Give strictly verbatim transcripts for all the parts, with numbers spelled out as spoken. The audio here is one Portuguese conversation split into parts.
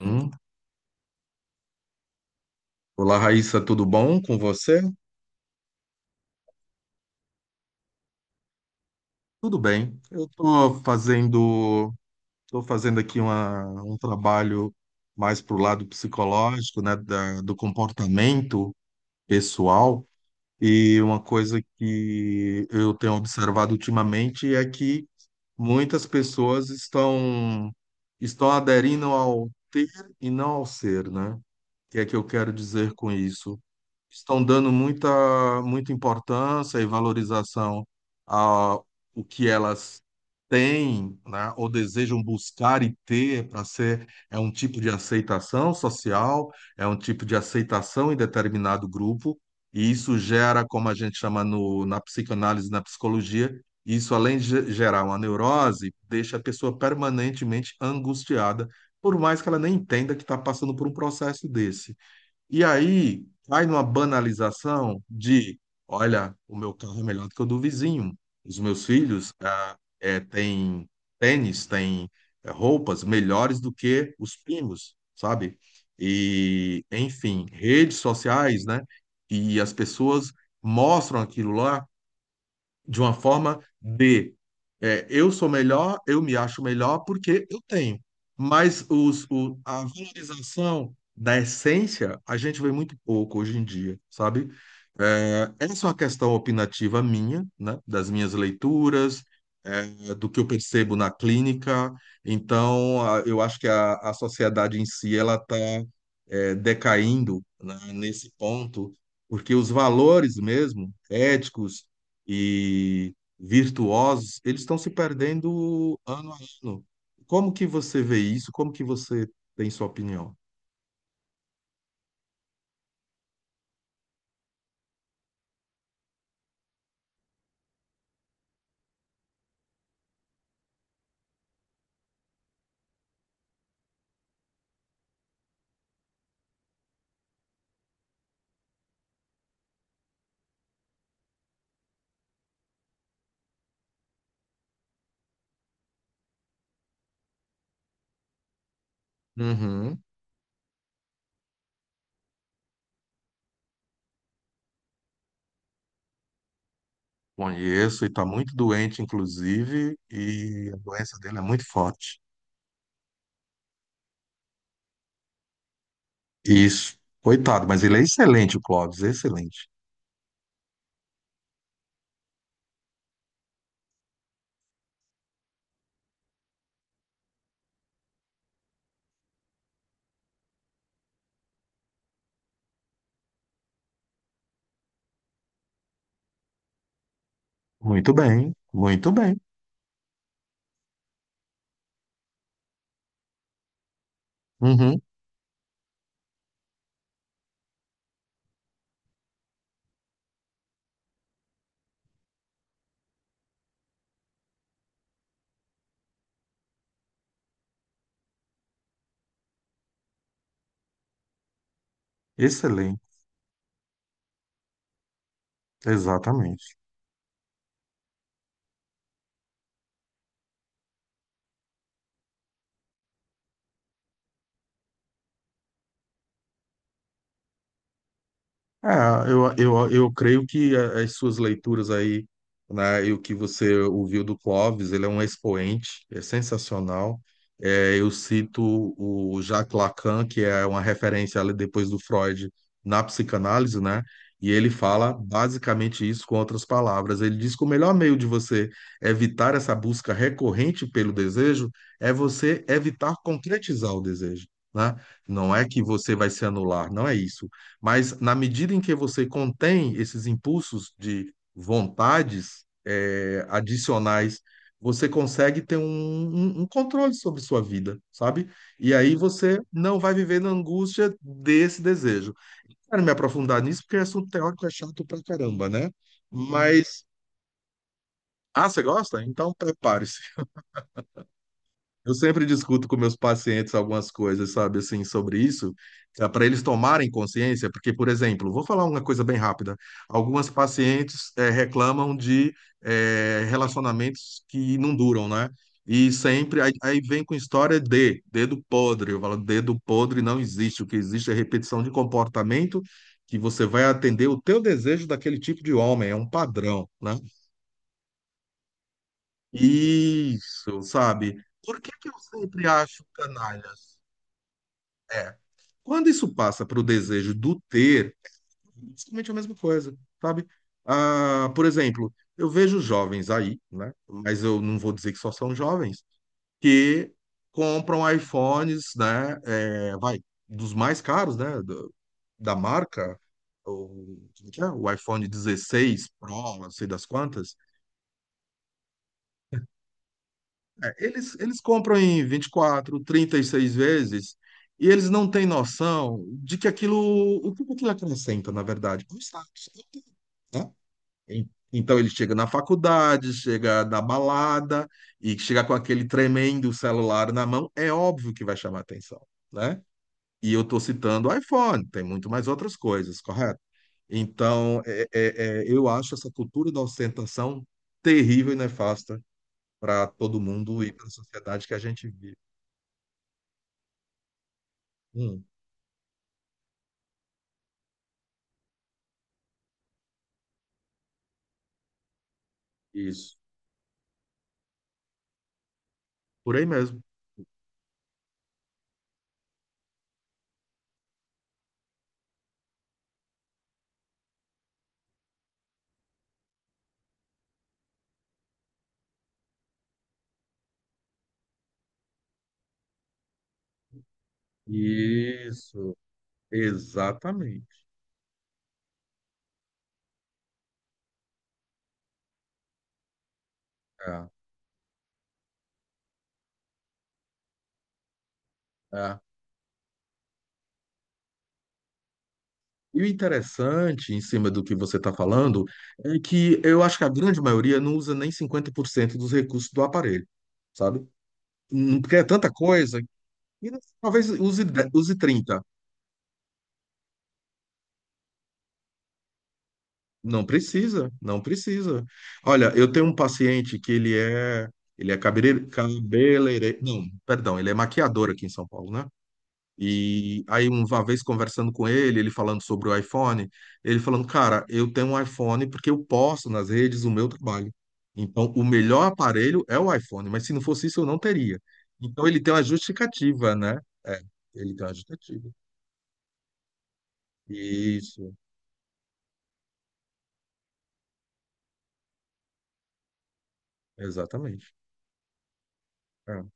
Hum. Olá, Raíssa, tudo bom com você? Tudo bem. Eu estou fazendo, estou fazendo aqui uma, um trabalho mais para o lado psicológico, né, da- do comportamento pessoal. E uma coisa que eu tenho observado ultimamente é que muitas pessoas estão estão aderindo ao ter e não ao ser, né? O que é que eu quero dizer com isso? Estão dando muita, muita importância e valorização a o que elas têm, né, ou desejam buscar e ter para ser, é um tipo de aceitação social, é um tipo de aceitação em determinado grupo, e isso gera, como a gente chama no, na psicanálise, na psicologia, isso além de ge- gerar uma neurose, deixa a pessoa permanentemente angustiada, por mais que ela nem entenda que está passando por um processo desse. E aí cai numa banalização de, olha, o meu carro é melhor do que o do vizinho. Os meus filhos ah, eh, têm tênis, têm eh, roupas melhores do que os primos, sabe? E, enfim, redes sociais, né? E as pessoas mostram aquilo lá de uma forma de é, eu sou melhor, eu me acho melhor porque eu tenho. Mas os, o, a valorização da essência a gente vê muito pouco hoje em dia, sabe? É, essa é uma questão opinativa minha, né? Das minhas leituras, é, do que eu percebo na clínica. Então, a- eu acho que a, a sociedade em si ela está decaindo, né, nesse ponto, porque os valores mesmo éticos e virtuosos, eles estão se perdendo ano a ano. Como que você vê isso? Como que você tem sua opinião? Uhum. Conheço e está muito doente, inclusive, e a doença dele é muito forte. Isso. Coitado, mas ele é excelente, o Clóvis, excelente. Muito bem, muito bem. Uhum. Excelente, exatamente. Ah, eu, eu, eu creio que a- as suas leituras aí, né, e o que você ouviu do Clóvis, ele é um expoente, é sensacional. É, eu cito o Jacques Lacan, que é uma referência ali depois do Freud na psicanálise, né? E ele fala basicamente isso com outras palavras. Ele diz que o melhor meio de você evitar essa busca recorrente pelo desejo é você evitar concretizar o desejo, né? Não é que você vai se anular, não é isso, mas na medida em que você contém esses impulsos de vontades eh, adicionais, você consegue ter um, um- um controle sobre sua vida, sabe? E aí você não vai viver na angústia desse desejo. Quero me aprofundar nisso porque assunto teórico é chato pra caramba, né? Mas, ah, você gosta? Então prepare-se. Eu sempre discuto com meus pacientes algumas coisas, sabe, assim, sobre isso, para eles tomarem consciência, porque, por exemplo, vou falar uma coisa bem rápida. Algumas pacientes eh, reclamam de eh, relacionamentos que não duram, né? E sempre aí, aí vem com história de dedo podre. Eu falo, dedo podre não existe. O que existe é repetição de comportamento que você vai atender o teu desejo daquele tipo de homem, é um padrão, né? Isso, sabe? Por que que eu sempre acho canalhas? É. Quando isso passa para o desejo do ter, é basicamente é a mesma coisa, sabe? Ah, por exemplo, eu vejo jovens aí, né? Mas eu não vou dizer que só são jovens, que compram iPhones, né? É, vai, dos mais caros, né? do- da marca, o, como é que é? O iPhone dezesseis Pro, não sei das quantas. É, Eles, eles compram em vinte e quatro trinta e seis vezes e eles não têm noção de que aquilo, o que aquilo acrescenta, na verdade, pro status, né? E- Então ele chega na faculdade, chega na balada e chega com aquele tremendo celular na mão, é óbvio que vai chamar atenção, né? E eu estou citando o iPhone, tem muito mais outras coisas, correto? Então, é- é- é, eu acho essa cultura da ostentação terrível e nefasta para todo mundo e para a sociedade que a gente vive. Hum, isso. Por aí mesmo. Isso. Exatamente. É, é. E o interessante, em cima do que você está falando, é que eu acho que a grande maioria não usa nem cinquenta por cento dos recursos do aparelho, sabe? Hum, Porque é tanta coisa. E talvez use, de- use trinta. Não precisa, não precisa. Olha, eu tenho um paciente que ele é, ele é cabeleireiro, cabeleireiro, não, perdão, ele é maquiador aqui em São Paulo, né? E aí, uma vez conversando com ele, ele falando sobre o iPhone, ele falando, cara, eu tenho um iPhone porque eu posto nas redes o meu trabalho. Então, o melhor aparelho é o iPhone, mas se não fosse isso, eu não teria. Então, ele tem uma justificativa, né? É, ele tem uma justificativa. Isso, exatamente. É.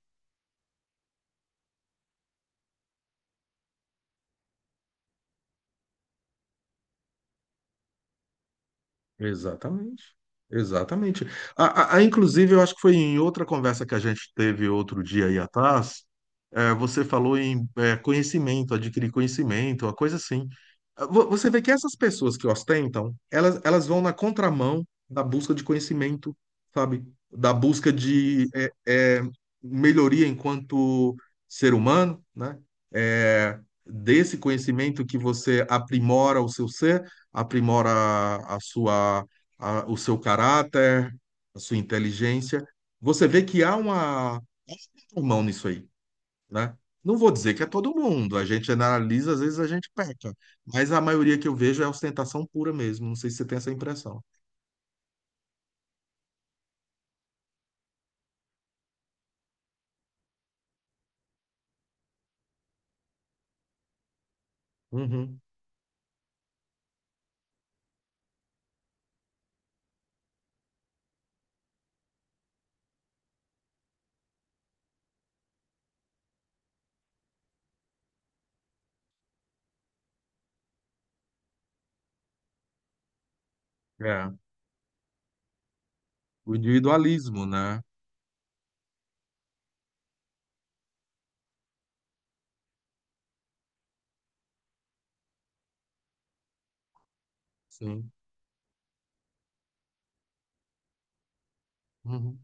Exatamente. Exatamente. A, a- a- inclusive, eu acho que foi em outra conversa que a gente teve outro dia aí atrás, eh, você falou em eh, conhecimento, adquirir conhecimento, uma coisa assim. Ah, vo- você vê que essas pessoas que ostentam, elas, elas vão na contramão da busca de conhecimento, sabe? Da busca de eh, eh, melhoria enquanto ser humano, né? Eh, desse conhecimento que você aprimora o seu ser, aprimora a sua, a- o seu caráter, a sua inteligência. Você vê que há uma um mão nisso aí, né? Não vou dizer que é todo mundo, a gente analisa, às vezes a gente peca, mas a maioria que eu vejo é ostentação pura mesmo. Não sei se você tem essa impressão. Uhum. É, o individualismo, né? Sim. Uhum.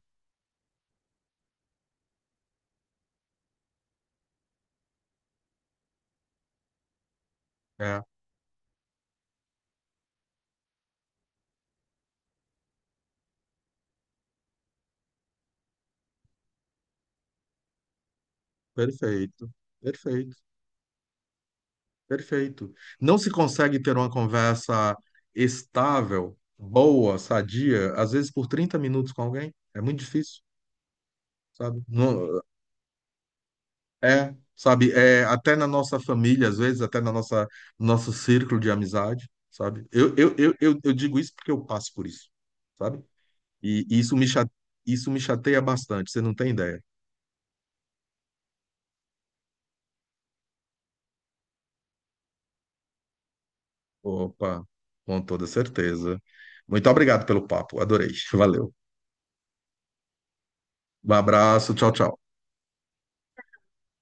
É, perfeito, perfeito. Perfeito. Não se consegue ter uma conversa estável, boa, sadia, às vezes por trinta minutos com alguém. É muito difícil, sabe? Não- é, sabe? É, até na nossa família, às vezes, até na nossa nosso círculo de amizade, sabe? Eu, eu, eu, eu, eu digo isso porque eu passo por isso, sabe? E isso me cha- isso me chateia bastante, você não tem ideia. Opa, com toda certeza. Muito obrigado pelo papo, adorei. Valeu. Um abraço, tchau, tchau.